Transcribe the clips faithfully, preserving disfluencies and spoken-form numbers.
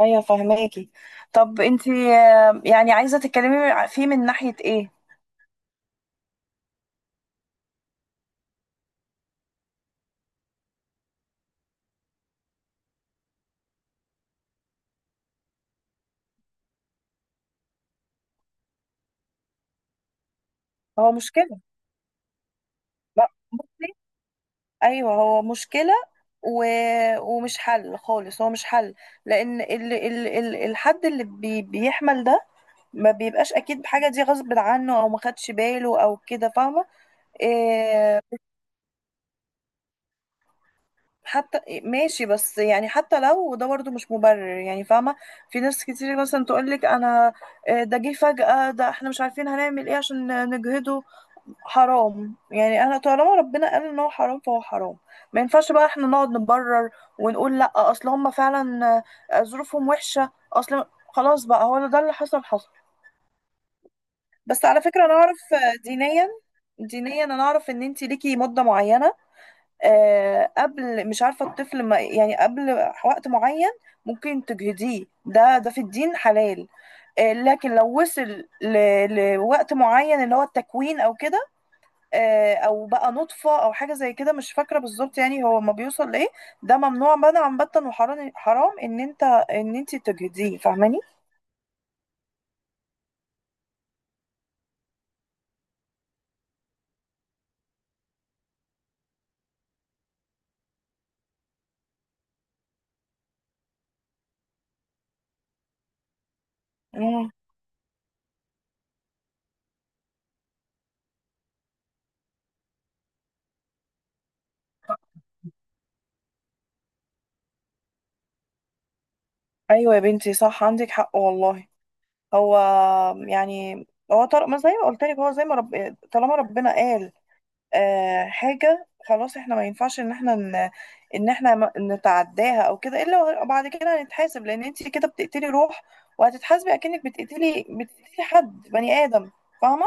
ايوه فهماكي. طب انت يعني عايزه تتكلمي فيه من ناحيه ايه؟ هو مشكله. لا بصي، ايوه هو مشكله و... ومش حل خالص، هو مش حل، لان ال... ال... ال... الحد اللي بي... بيحمل ده ما بيبقاش اكيد بحاجه دي غصب عنه او ما خدش باله او كده، فاهمه؟ إيه... حتى ماشي، بس يعني حتى لو ده برضه مش مبرر، يعني فاهمة. في ناس كتير مثلا تقولك أنا آه، ده جه فجأة، ده احنا مش عارفين هنعمل ايه عشان نجهده. حرام، يعني أنا طالما ربنا قال إن هو حرام فهو حرام. ما ينفعش بقى احنا نقعد نبرر ونقول لأ أصل هما فعلا آه، ظروفهم وحشة، أصل خلاص بقى هو ده اللي حصل حصل. بس على فكرة أنا أعرف، آه، دينيا دينيا أنا أعرف إن أنتي ليكي مدة معينة، آه، قبل مش عارفة الطفل ما يعني قبل وقت معين ممكن تجهضيه. ده ده في الدين حلال، آه، لكن لو وصل ل- لوقت معين اللي هو التكوين او كده، آه، او بقى نطفة او حاجة زي كده، مش فاكرة بالظبط يعني هو ما بيوصل لايه، ده ممنوع منعا باتا وحرام حرام ان انت ان انت تجهضيه. فاهماني؟ مم. ايوه يا بنتي صح، عندك حق والله. هو يعني هو طارق ما زي ما قلت لك، هو زي ما رب... طالما ربنا قال آه، حاجة خلاص، احنا ما ينفعش ان احنا ن... ان احنا ما- نتعداها او كده، الا بعد كده هنتحاسب، لان انت كده بتقتلي روح وهتتحاسبي اكنك بتقتلي بتقتلي حد بني ادم. فاهمة؟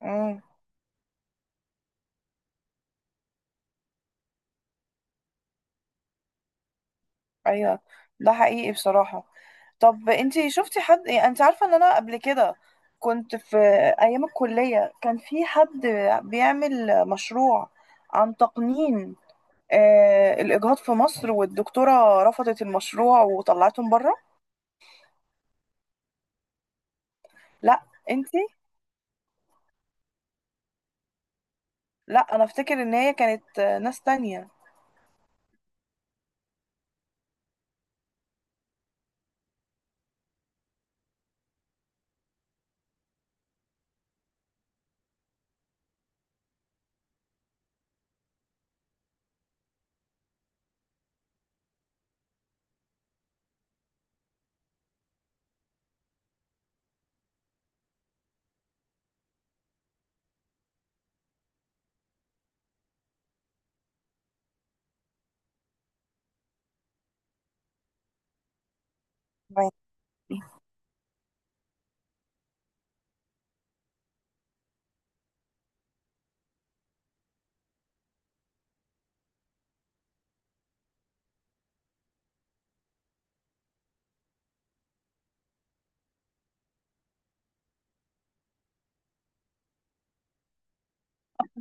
امم. ايوه، ده حقيقي بصراحة. طب انت شفتي حد؟ يعني انت عارفة ان انا قبل كده كنت في ايام الكلية كان في حد بيعمل مشروع عن تقنين آه، الإجهاض في مصر، والدكتورة رفضت المشروع وطلعتهم بره. لا. انتي. لا انا افتكر ان هي كانت آه، ناس تانية.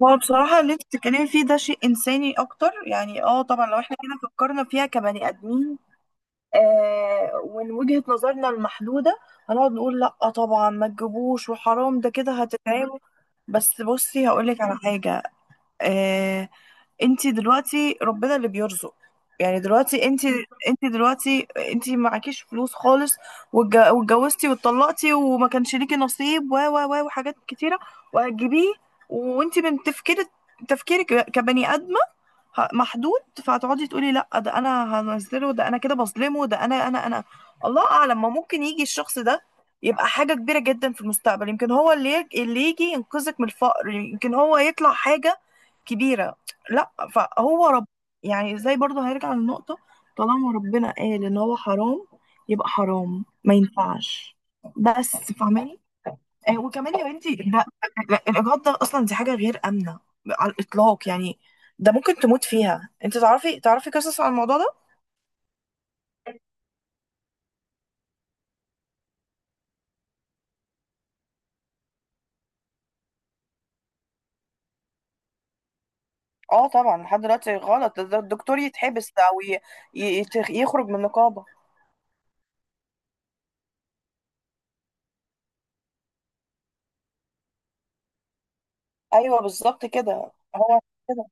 هو بصراحة اللي انت بتتكلمي فيه ده شيء إنساني أكتر، يعني اه طبعا لو احنا كده فكرنا فيها كبني آدمين آه ومن وجهة نظرنا المحدودة هنقعد نقول لأ طبعا ما تجيبوش وحرام، ده كده هتتعبوا. بس بصي هقولك على حاجة، آه، انت دلوقتي ربنا اللي بيرزق، يعني دلوقتي انت، انت دلوقتي انت معكيش فلوس خالص واتج- واتجوزتي واتطلقتي وما كانش ليكي نصيب و و و وحاجات كتيره وهتجيبيه، وانت من تفكيرك تفكيرك كبني ادمه ه- محدود، فهتقعدي تقولي لا ده انا هنزله، ده انا كده بظلمه، ده انا انا انا. الله اعلم، ما ممكن يجي الشخص ده يبقى حاجة كبيرة جدا في المستقبل، يمكن هو اللي يج- اللي يجي ينقذك من الفقر، يمكن هو يطلع حاجة كبيرة. لا فهو رب، يعني زي برضه هيرجع للنقطة، طالما ربنا قال ان هو حرام يبقى حرام، ما ينفعش. بس فاهماني؟ آه، وكمان يا بنتي لا، لا، الاجهاض ده اصلا دي حاجه غير امنه على الاطلاق، يعني ده ممكن تموت فيها. انت تعرفي تعرفي قصص عن الموضوع ده؟ اه طبعا، لحد دلوقتي غلط، ده ده الدكتور يتحبس او ي... ي... يت- يخرج من النقابة. ايوه بالظبط كده هو كده.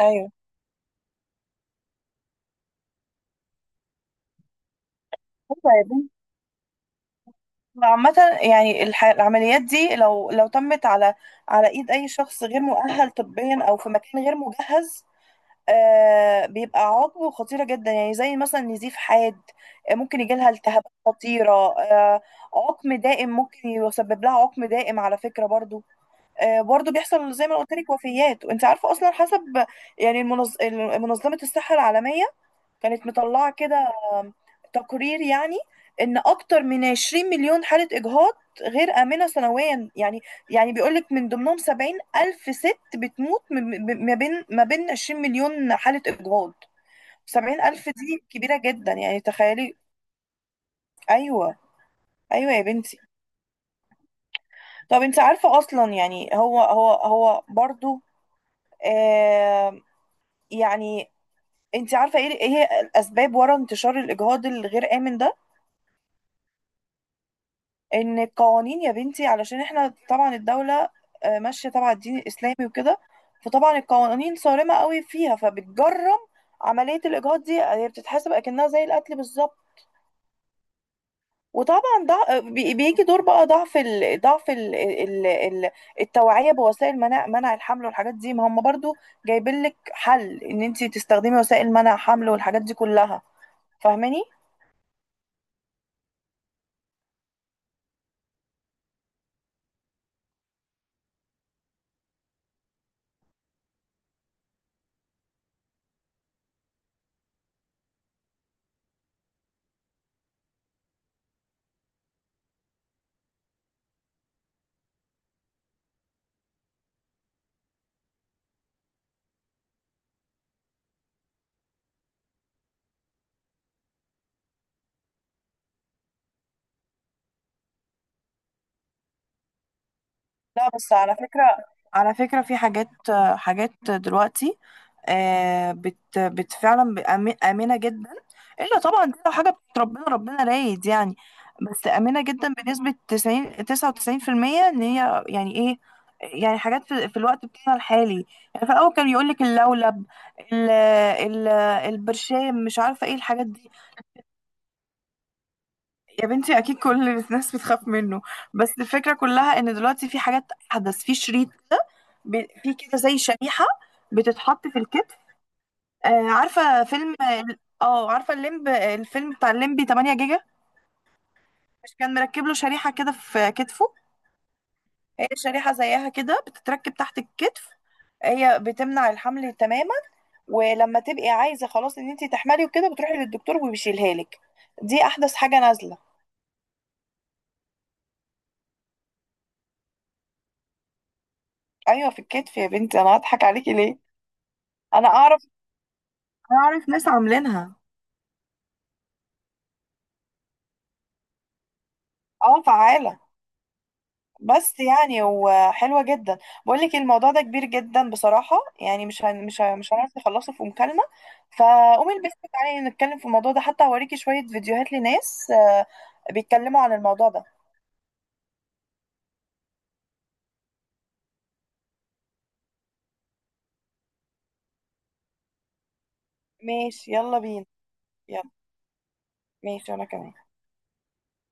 ايوه. ايوه يا بنتي. عامة يعني الح... العمليات دي لو لو تمت على على ايد اي شخص غير مؤهل طبيا او في مكان غير مجهز، آه بيبقى عضو خطيرة جدا، يعني زي مثلا نزيف حاد، آه، ممكن يجيلها التهابات خطيرة، آه عقم دائم، ممكن يسبب لها عقم دائم على فكرة برضو، آه برضو بيحصل زي ما قلت لك وفيات. وانت عارفة اصلا حسب يعني المنظ... منظمة الصحة العالمية كانت مطلعة كده تقرير يعني ان اكتر من عشرين مليون حالة اجهاض غير آمنة سنويا، يعني يعني بيقولك من ضمنهم سبعين الف ست بتموت من- من- ما بين ما بين عشرين مليون حالة اجهاض. سبعين الف دي كبيرة جدا، يعني تخيلي. ايوه. ايوه يا بنتي. طب انت عارفة اصلا يعني هو هو هو برضو آه يعني انت عارفة ايه ايه هي الاسباب ورا انتشار الاجهاض الغير آمن ده؟ ان القوانين يا بنتي، علشان احنا طبعا الدولة آه، ماشية طبعا الدين الاسلامي وكده، فطبعا القوانين صارمة قوي فيها، فبتجرم عملية الاجهاض دي، هي بتتحسب اكنها زي القتل بالظبط. وطبعا ضع... آه، بي- بيجي دور بقى ضعف ال... ضعف ال... ال... ال... التوعية بوسائل منع منع الحمل والحاجات دي. ما هم برضو جايبين لك حل ان انت تستخدمي وسائل منع حمل والحاجات دي كلها، فاهماني؟ لا بس على فكرة، على فكرة في حاجات، حاجات دلوقتي آه، بت بت فعلا ب- آمن- آمنة جدا، إلا طبعا دي لو حاجة بتاعت ربنا، ربنا رايد يعني. بس آمنة جدا بنسبة تسعين تسعة وتسعين في المية، إن هي يعني إيه، يعني حاجات في، في الوقت بتاعنا الحالي. يعني في الأول كان يقولك اللولب، ال ال البرشام، مش عارفة إيه الحاجات دي. يا بنتي اكيد كل الناس بتخاف منه، بس الفكره كلها ان دلوقتي في حاجات احدث، في شريط كده، ب- في كده زي شريحه بتتحط في الكتف. آه عارفه فيلم، اه عارفه الليمب الفيلم بتاع الليمبي تمانية جيجا، مش كان مركب له شريحه كده في كتفه؟ هي شريحه زيها كده بتتركب تحت الكتف، هي بتمنع الحمل تماما، ولما تبقي عايزه خلاص ان انت تحملي وكده بتروحي للدكتور وبيشيلها لك. دي احدث حاجه نازله. ايوه في الكتف يا بنتي، انا هضحك عليكي ليه؟ انا اعرف انا اعرف ناس عاملينها. اه فعالة، بس يعني وحلوة جدا. بقول لك الموضوع ده كبير جدا بصراحة، يعني مش هن... مش هن... مش هنعرف نخلصه في مكالمة. فقومي البسي تعالي نتكلم في الموضوع ده، حتى اوريكي شوية فيديوهات لناس آه، بيتكلموا عن الموضوع ده. ماشي يلا بينا. يلا. ماشي انا كمان.